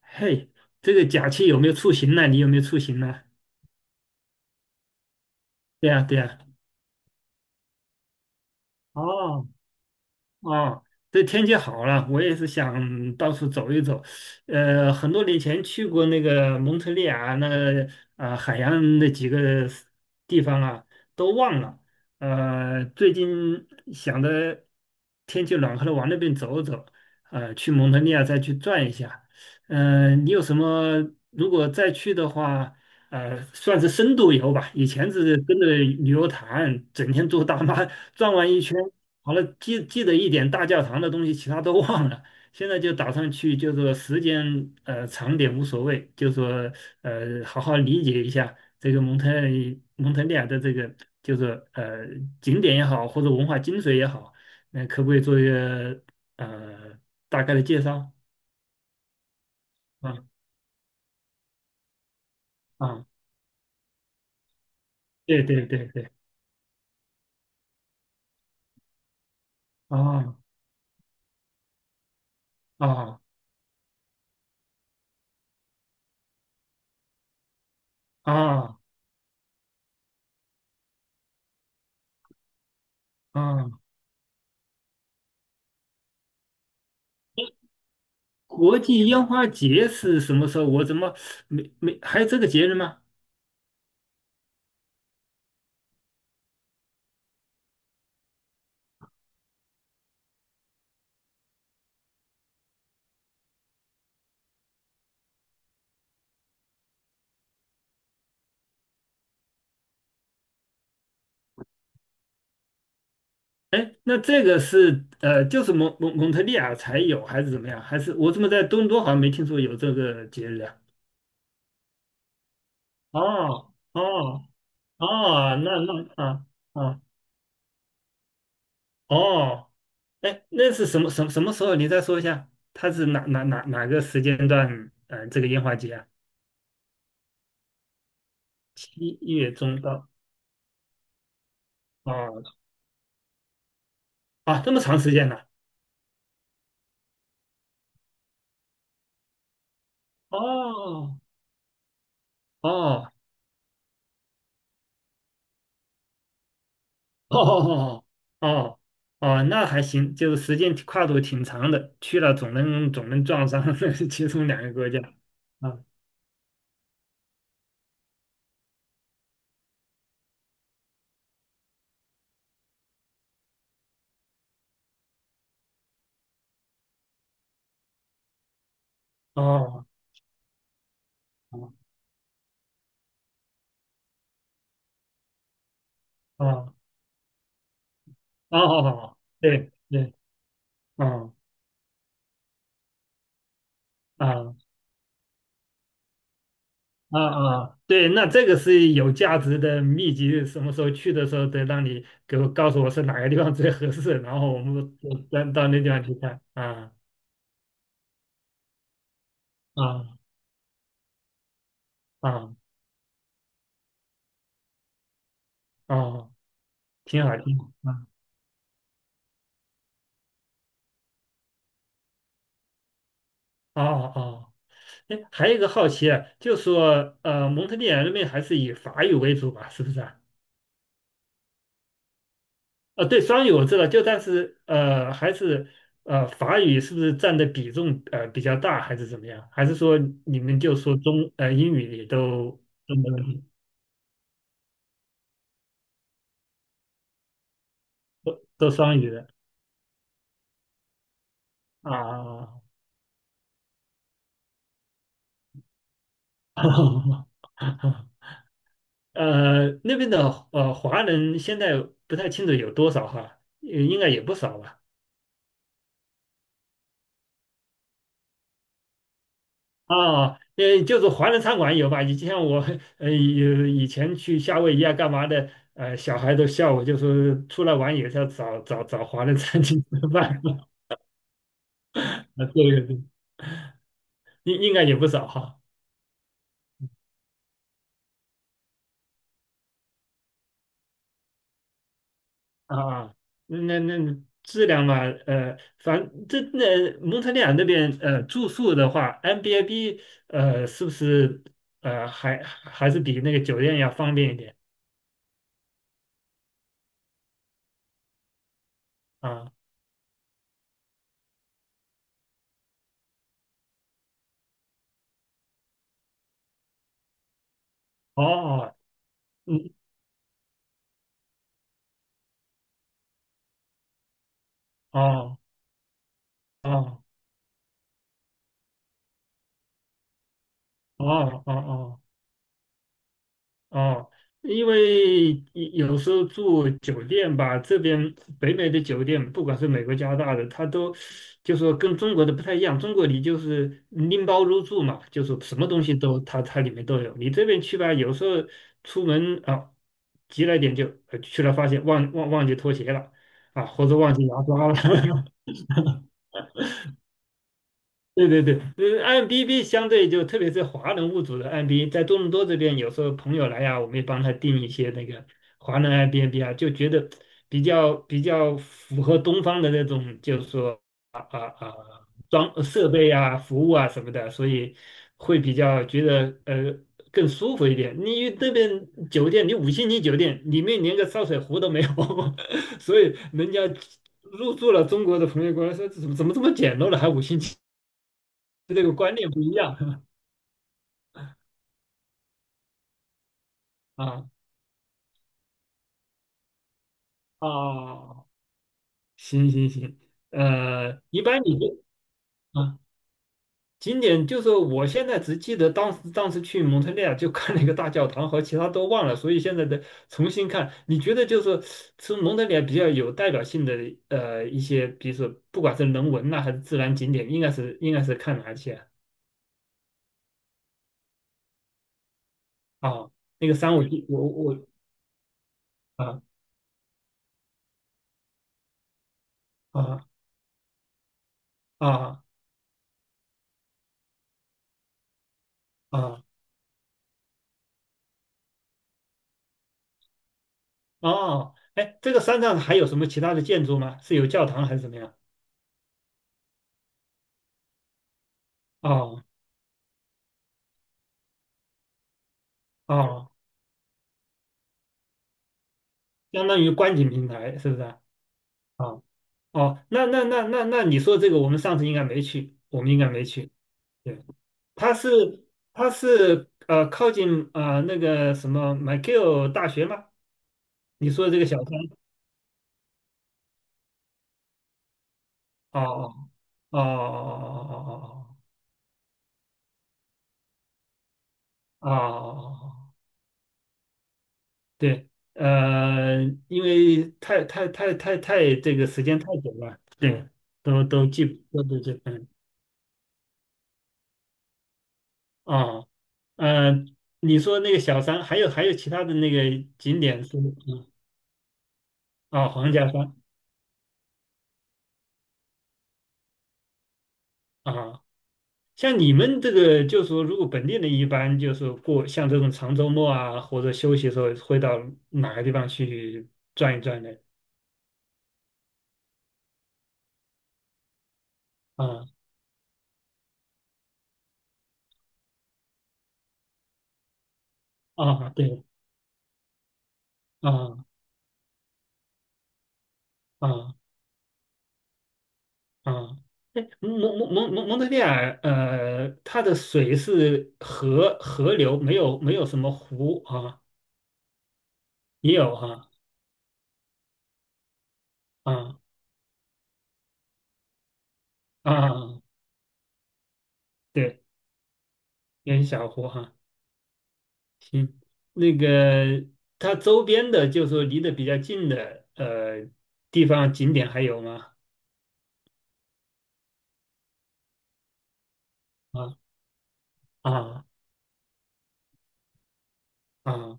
嘿，这个假期有没有出行呢？你有没有出行呢？对呀，对呀。哦，哦，这天气好了，我也是想到处走一走。很多年前去过那个蒙特利尔，那个啊、海洋那几个 地方啊，都忘了。最近想着天气暖和了，往那边走走，去蒙特利尔再去转一下。你有什么？如果再去的话，算是深度游吧。以前只是跟着旅游团，整天坐大巴 转完一圈。好了，记得一点大教堂的东西，其他都忘了。现在就打算去，就是说时间长点无所谓，就说好好理解一下这个蒙特利尔的这个，就是景点也好，或者文化精髓也好，那可不可以做一个呃大概的介绍？啊啊，对对对对，啊啊啊啊！国际烟花节是什么时候？我怎么没还有这个节日吗？哎，那这个是就是蒙特利尔才有，还是怎么样？还是我怎么在多伦多好像没听说有这个节日啊？哦哦哦，那那啊啊哦，哎，那是什么时候？你再说一下，它是哪个时间段？这个烟花节啊，七月中到哦啊，这么长时间呢、哦哦 哦哦哦，哦那还行，就是时间跨度挺长的，去了总能撞上 其中两个国家。啊哦哦哦哦哦，对对，哦啊啊啊，对，那这个是有价值的秘籍，什么时候去的时候得让你给我告诉我是哪个地方最合适，然后我们到那地方去看。啊啊啊啊，挺好挺好。啊哦哦。哎，还有一个好奇啊，就说蒙特利尔那边还是以法语为主吧，是不是啊？对，双语我知道，就但是还是法语是不是占的比重比较大，还是怎么样？还是说你们就说英语也都都没问题，都双语的啊？那边的华人现在不太清楚有多少哈，应该也不少吧。啊，就是华人餐馆有吧？呃以以前去夏威夷啊，干嘛的？小孩都笑我，就是出来玩也是要找华人餐厅吃饭。啊，对对对，应应该也不少哈。啊，那那那质量嘛，呃，反正这那蒙特利尔那边住宿的话 m b I b 是不是还是比那个酒店要方便一点啊？哦，嗯，哦哦哦哦哦。哦哦，因为有时候住酒店吧，这边北美的酒店，不管是美国、加拿大的，它都就说跟中国的不太一样。中国你就是拎包入住嘛，就是什么东西都它里面都有。你这边去吧，有时候出门啊，急了一点就去了，发现忘记拖鞋了啊，或者忘记牙刷了。对对对，i m B b 相对就特别是华人物主的 IMDB，在多伦多这边，有时候朋友来呀、我们也帮他订一些那个华人 i m n b 啊，就觉得比较符合东方的那种，就是说啊，装设备啊、服务啊什么的，所以会比较觉得更舒服一点。你那边酒店，你五星级酒店里面连个烧水壶都没有，所以人家入住了中国的朋友过来说，怎么这么简陋了，还五星级这个观念不一样 啊啊，行行行，一般你就啊，景点就是我现在只记得当时去蒙特利尔就看了一个大教堂和其他都忘了，所以现在的重新看，你觉得就是从蒙特利尔比较有代表性的一些，比如说不管是人文呐、还是自然景点，应该是看哪些啊？啊那个山我记我我啊啊啊啊。哦，哎，这个山上还有什么其他的建筑吗？是有教堂还是怎么样？哦哦，相当于观景平台是不是？啊哦哦，那你说这个，我们上次应该没去，我们应该没去。对，它是它是靠近那个什么 m i c 麦 l 大学吗？你说的这个小山？哦哦哦哦哦哦哦哦哦哦哦哦哦哦哦哦哦哦哦对，呃，因为太这个时间太久了，对，都记不都这嗯啊，呃，你说那个小山，还有其他的那个景点是嗯啊，黄家山啊，像你们这个就是说，如果本地人一般就是过像这种长周末啊，或者休息的时候，会到哪个地方去转一转呢？啊啊，对啊啊。哦啊，哎蒙特利尔，它的水是河流，没有什么湖啊，也有哈啊啊，对，有小湖哈、行，那个它周边的，就是说离得比较近的地方景点还有吗？啊啊啊，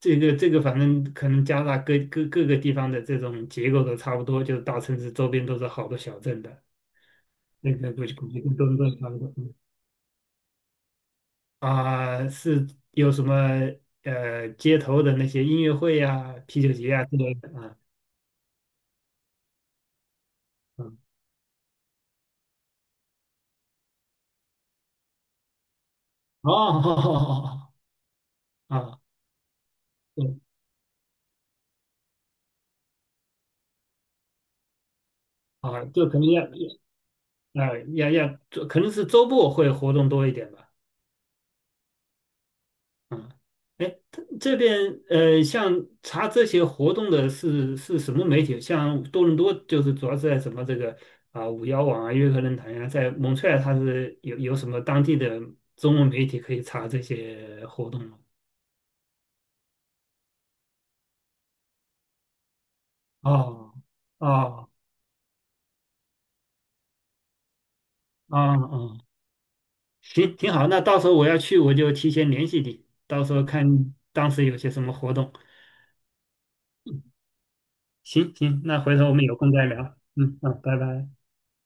这个，反正可能加拿大各各各个地方的这种结构都差不多，就是大城市周边都是好多小镇的，那个估计跟多伦多也差不多。嗯啊、是有什么街头的那些音乐会呀、啤酒节呀之类的啊，嗯，哦，啊，对，啊，就肯定要啊要要，可能是周末会活动多一点吧，嗯，哎，它这边像查这些活动的是什么媒体？像多伦多就是主要是在什么这个啊五幺网啊、约克论坛呀、在蒙特利尔它是有什么当地的中文媒体可以查这些活动吗？哦哦哦哦，行，挺好。那到时候我要去，我就提前联系你，到时候看当时有些什么活动。嗯行行，那回头我们有空再聊。嗯，好，拜拜。